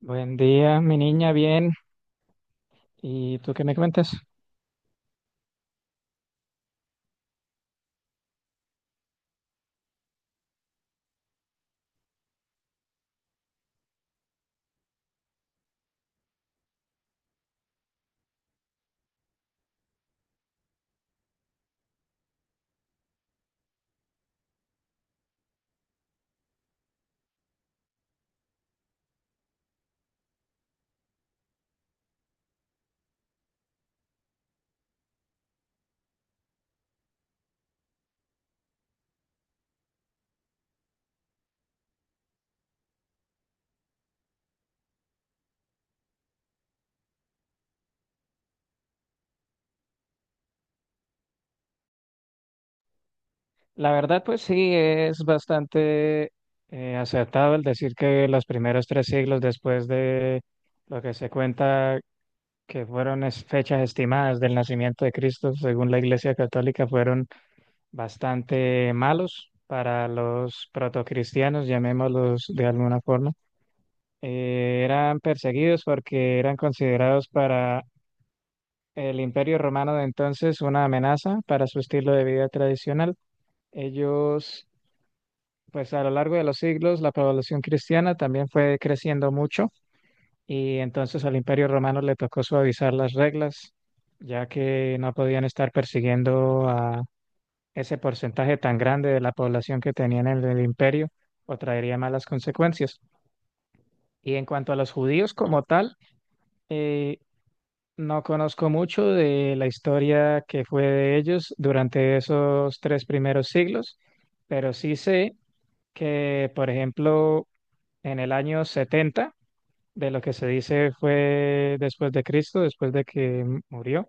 Buen día, mi niña, bien. ¿Y tú qué me cuentas? La verdad, pues sí, es bastante acertado el decir que los primeros tres siglos después de lo que se cuenta que fueron fechas estimadas del nacimiento de Cristo, según la Iglesia Católica, fueron bastante malos para los protocristianos, llamémoslos de alguna forma. Eran perseguidos porque eran considerados para el Imperio Romano de entonces una amenaza para su estilo de vida tradicional. Ellos, pues a lo largo de los siglos, la población cristiana también fue creciendo mucho y entonces al Imperio Romano le tocó suavizar las reglas, ya que no podían estar persiguiendo a ese porcentaje tan grande de la población que tenían en el imperio o traería malas consecuencias. Y en cuanto a los judíos como tal, eh, no conozco mucho de la historia que fue de ellos durante esos tres primeros siglos, pero sí sé que, por ejemplo, en el año 70, de lo que se dice fue después de Cristo, después de que murió,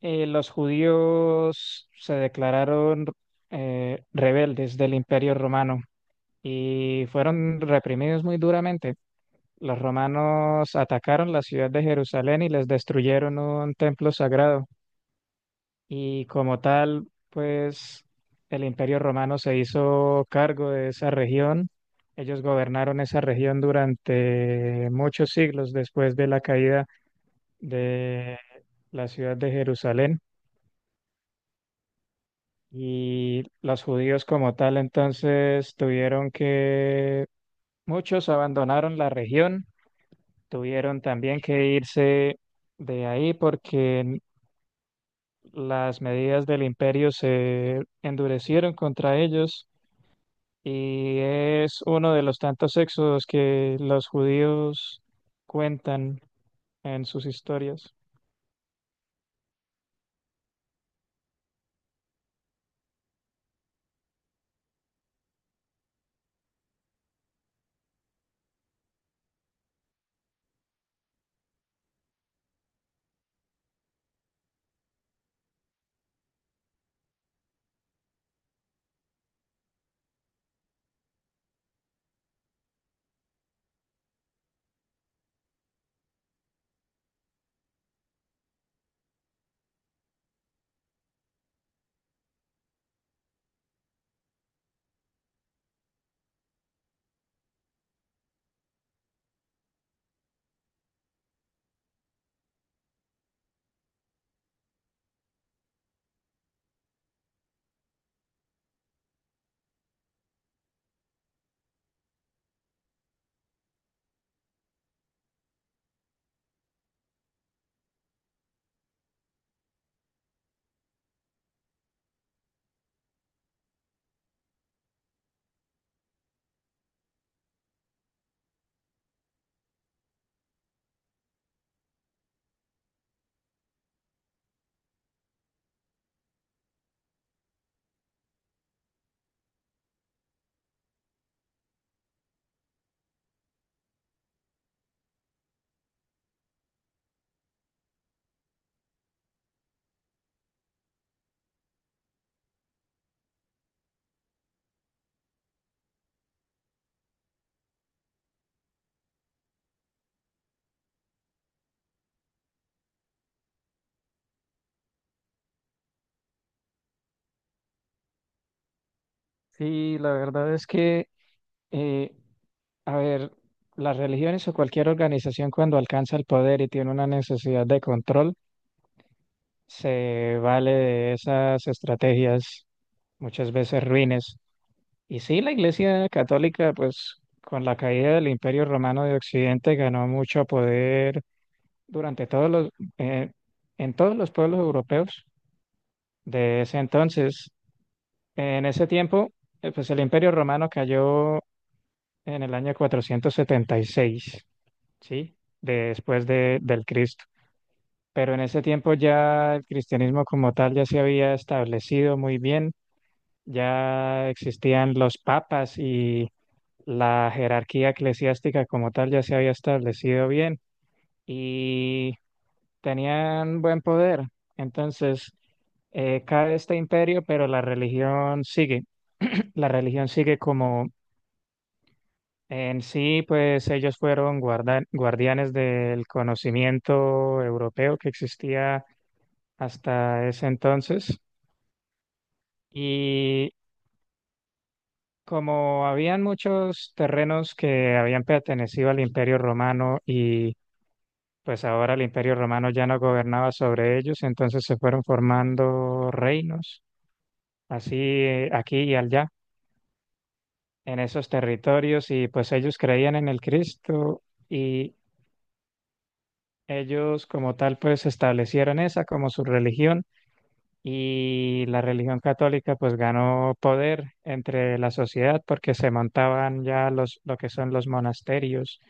los judíos se declararon rebeldes del Imperio Romano y fueron reprimidos muy duramente. Los romanos atacaron la ciudad de Jerusalén y les destruyeron un templo sagrado. Y como tal, pues el Imperio Romano se hizo cargo de esa región. Ellos gobernaron esa región durante muchos siglos después de la caída de la ciudad de Jerusalén. Y los judíos como tal entonces tuvieron que, muchos abandonaron la región, tuvieron también que irse de ahí porque las medidas del imperio se endurecieron contra ellos. Y es uno de los tantos éxodos que los judíos cuentan en sus historias. Sí, la verdad es que, eh, a ver, las religiones o cualquier organización cuando alcanza el poder y tiene una necesidad de control, se vale de esas estrategias muchas veces ruines. Y sí, la Iglesia Católica, pues con la caída del Imperio Romano de Occidente ganó mucho poder durante eh, en todos los pueblos europeos de ese entonces. En ese tiempo, pues el Imperio Romano cayó en el año 476, ¿sí? Después de, del Cristo. Pero en ese tiempo ya el cristianismo como tal ya se había establecido muy bien, ya existían los papas y la jerarquía eclesiástica como tal ya se había establecido bien. Y tenían buen poder. Entonces, cae este imperio, pero la religión sigue. La religión sigue como en sí, pues ellos fueron guardianes del conocimiento europeo que existía hasta ese entonces. Y como habían muchos terrenos que habían pertenecido al imperio romano y pues ahora el imperio romano ya no gobernaba sobre ellos, entonces se fueron formando reinos así aquí y allá, en esos territorios, y pues ellos creían en el Cristo y ellos como tal pues establecieron esa como su religión y la religión católica pues ganó poder entre la sociedad porque se montaban ya lo que son los monasterios,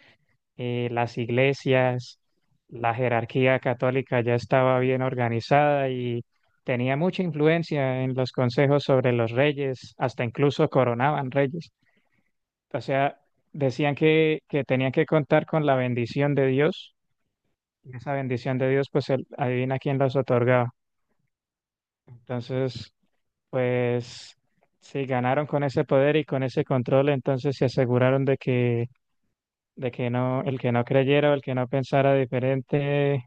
las iglesias, la jerarquía católica ya estaba bien organizada y... Tenía mucha influencia en los consejos sobre los reyes, hasta incluso coronaban reyes. O sea, decían que tenían que contar con la bendición de Dios. Y esa bendición de Dios, pues él, adivina quién las otorgaba. Entonces, pues si ganaron con ese poder y con ese control, entonces se aseguraron de que no, el que no creyera o el que no pensara diferente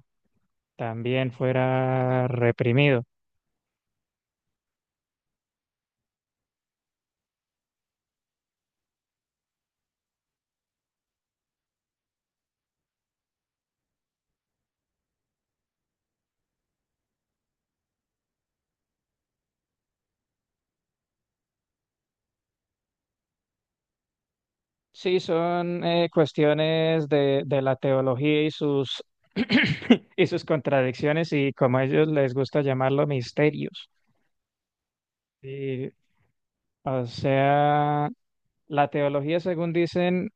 también fuera reprimido. Sí, son cuestiones de la teología y sus, y sus contradicciones y como a ellos les gusta llamarlo misterios. Sí, o sea, la teología, según dicen,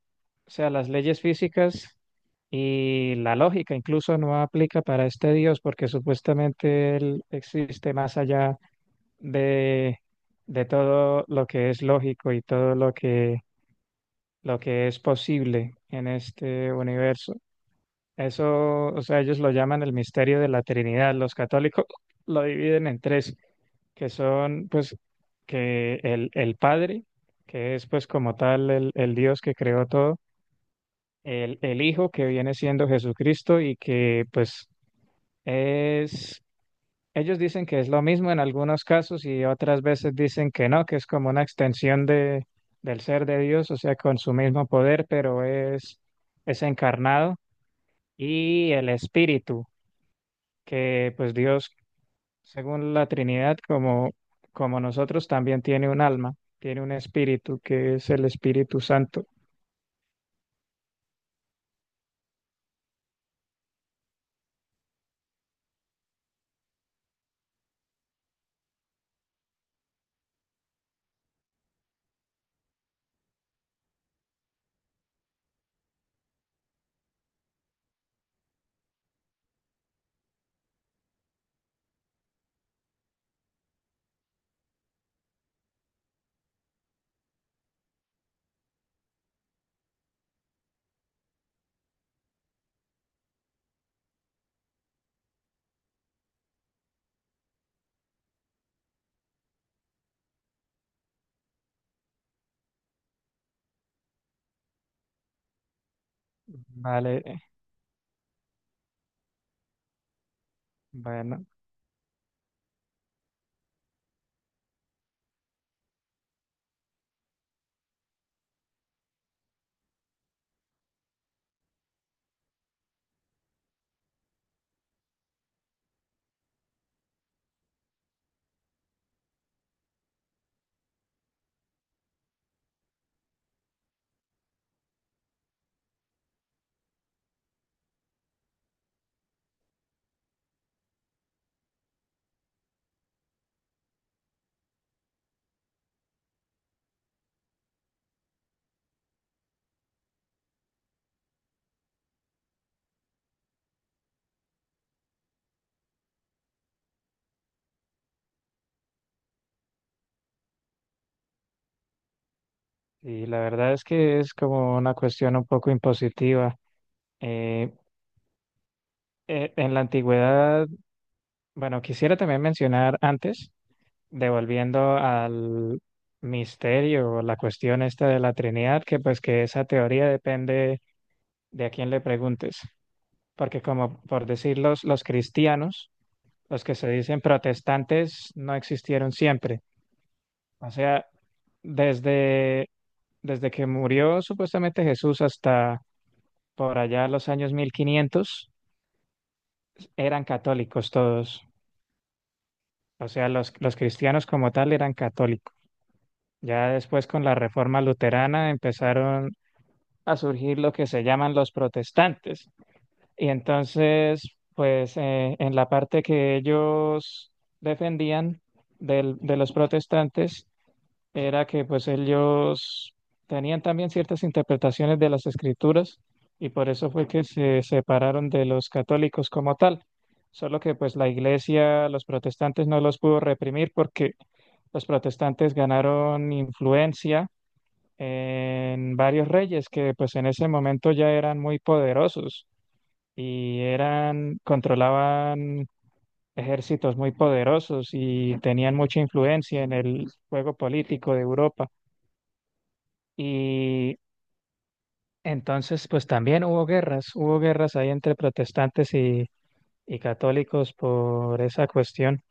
o sea, las leyes físicas y la lógica incluso no aplica para este Dios porque supuestamente él existe más allá de, de todo lo que es lógico y todo lo que es posible en este universo. Eso, o sea, ellos lo llaman el misterio de la Trinidad. Los católicos lo dividen en tres. Que son pues que el Padre, que es pues como tal el Dios que creó todo, el Hijo que viene siendo Jesucristo y que pues es, ellos dicen que es lo mismo en algunos casos y otras veces dicen que no, que es como una extensión de, del ser de Dios, o sea, con su mismo poder, pero es encarnado y el Espíritu, que pues Dios, según la Trinidad, como, como nosotros, también tiene un alma, tiene un espíritu que es el Espíritu Santo. Vale, bueno, y la verdad es que es como una cuestión un poco impositiva. Eh, en la antigüedad, bueno, quisiera también mencionar antes, devolviendo al misterio, la cuestión esta de la Trinidad, que pues que esa teoría depende de a quién le preguntes, porque como por decir los cristianos, los que se dicen protestantes no existieron siempre. O sea, desde, desde que murió supuestamente Jesús hasta por allá los años 1500 eran católicos todos. O sea, los cristianos como tal eran católicos. Ya después con la reforma luterana empezaron a surgir lo que se llaman los protestantes. Y entonces, pues en la parte que ellos defendían de los protestantes era que pues ellos tenían también ciertas interpretaciones de las escrituras y por eso fue que se separaron de los católicos como tal. Solo que pues la iglesia, los protestantes no los pudo reprimir porque los protestantes ganaron influencia en varios reyes que pues en ese momento ya eran muy poderosos y eran, controlaban ejércitos muy poderosos y tenían mucha influencia en el juego político de Europa. Y entonces, pues también hubo guerras ahí entre protestantes y católicos por esa cuestión.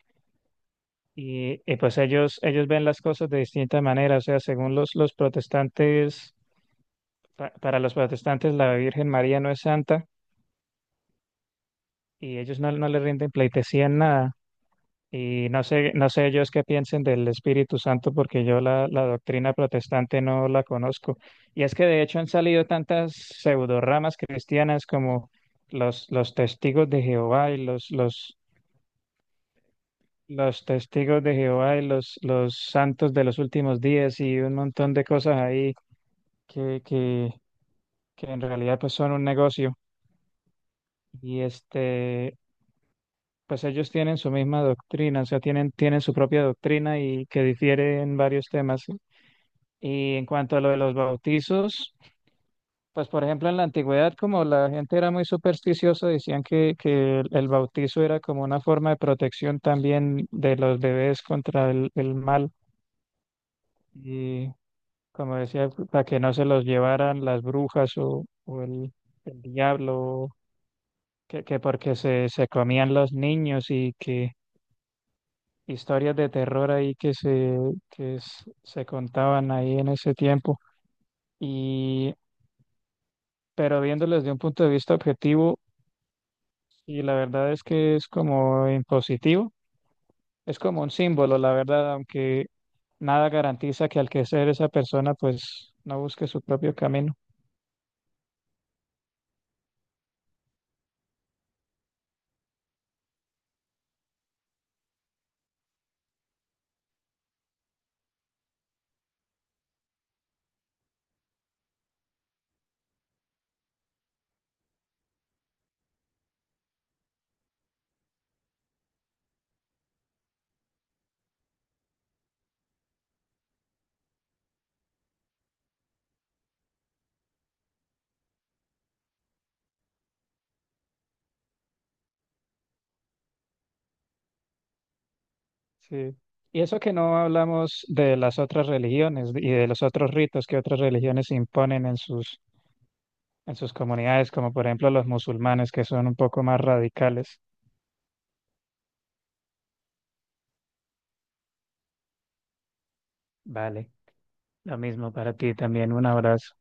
Y, pues ellos ven las cosas de distinta manera, o sea, según los protestantes, para los protestantes la Virgen María no es santa y ellos no, no le rinden pleitesía en nada. Y no sé, no sé ellos qué piensen del Espíritu Santo porque yo la doctrina protestante no la conozco. Y es que de hecho han salido tantas pseudoramas cristianas como los, los testigos de Jehová y los, los, los testigos de Jehová y los santos de los últimos días y un montón de cosas ahí que, que, que en realidad pues son un negocio. Y este, pues ellos tienen su misma doctrina, o sea, tienen, tienen su propia doctrina y que difiere en varios temas. Y en cuanto a lo de los bautizos, pues por ejemplo en la antigüedad, como la gente era muy supersticiosa, decían que el bautizo era como una forma de protección también de los bebés contra el mal. Y como decía, para que no se los llevaran las brujas o el diablo, que porque se comían los niños y que historias de terror ahí que que se contaban ahí en ese tiempo. Y pero viéndolo desde un punto de vista objetivo, y la verdad es que es como impositivo, es como un símbolo, la verdad, aunque nada garantiza que al que ser esa persona, pues no busque su propio camino. Sí, y eso que no hablamos de las otras religiones y de los otros ritos que otras religiones imponen en sus comunidades, como por ejemplo los musulmanes, que son un poco más radicales. Vale, lo mismo para ti también, un abrazo.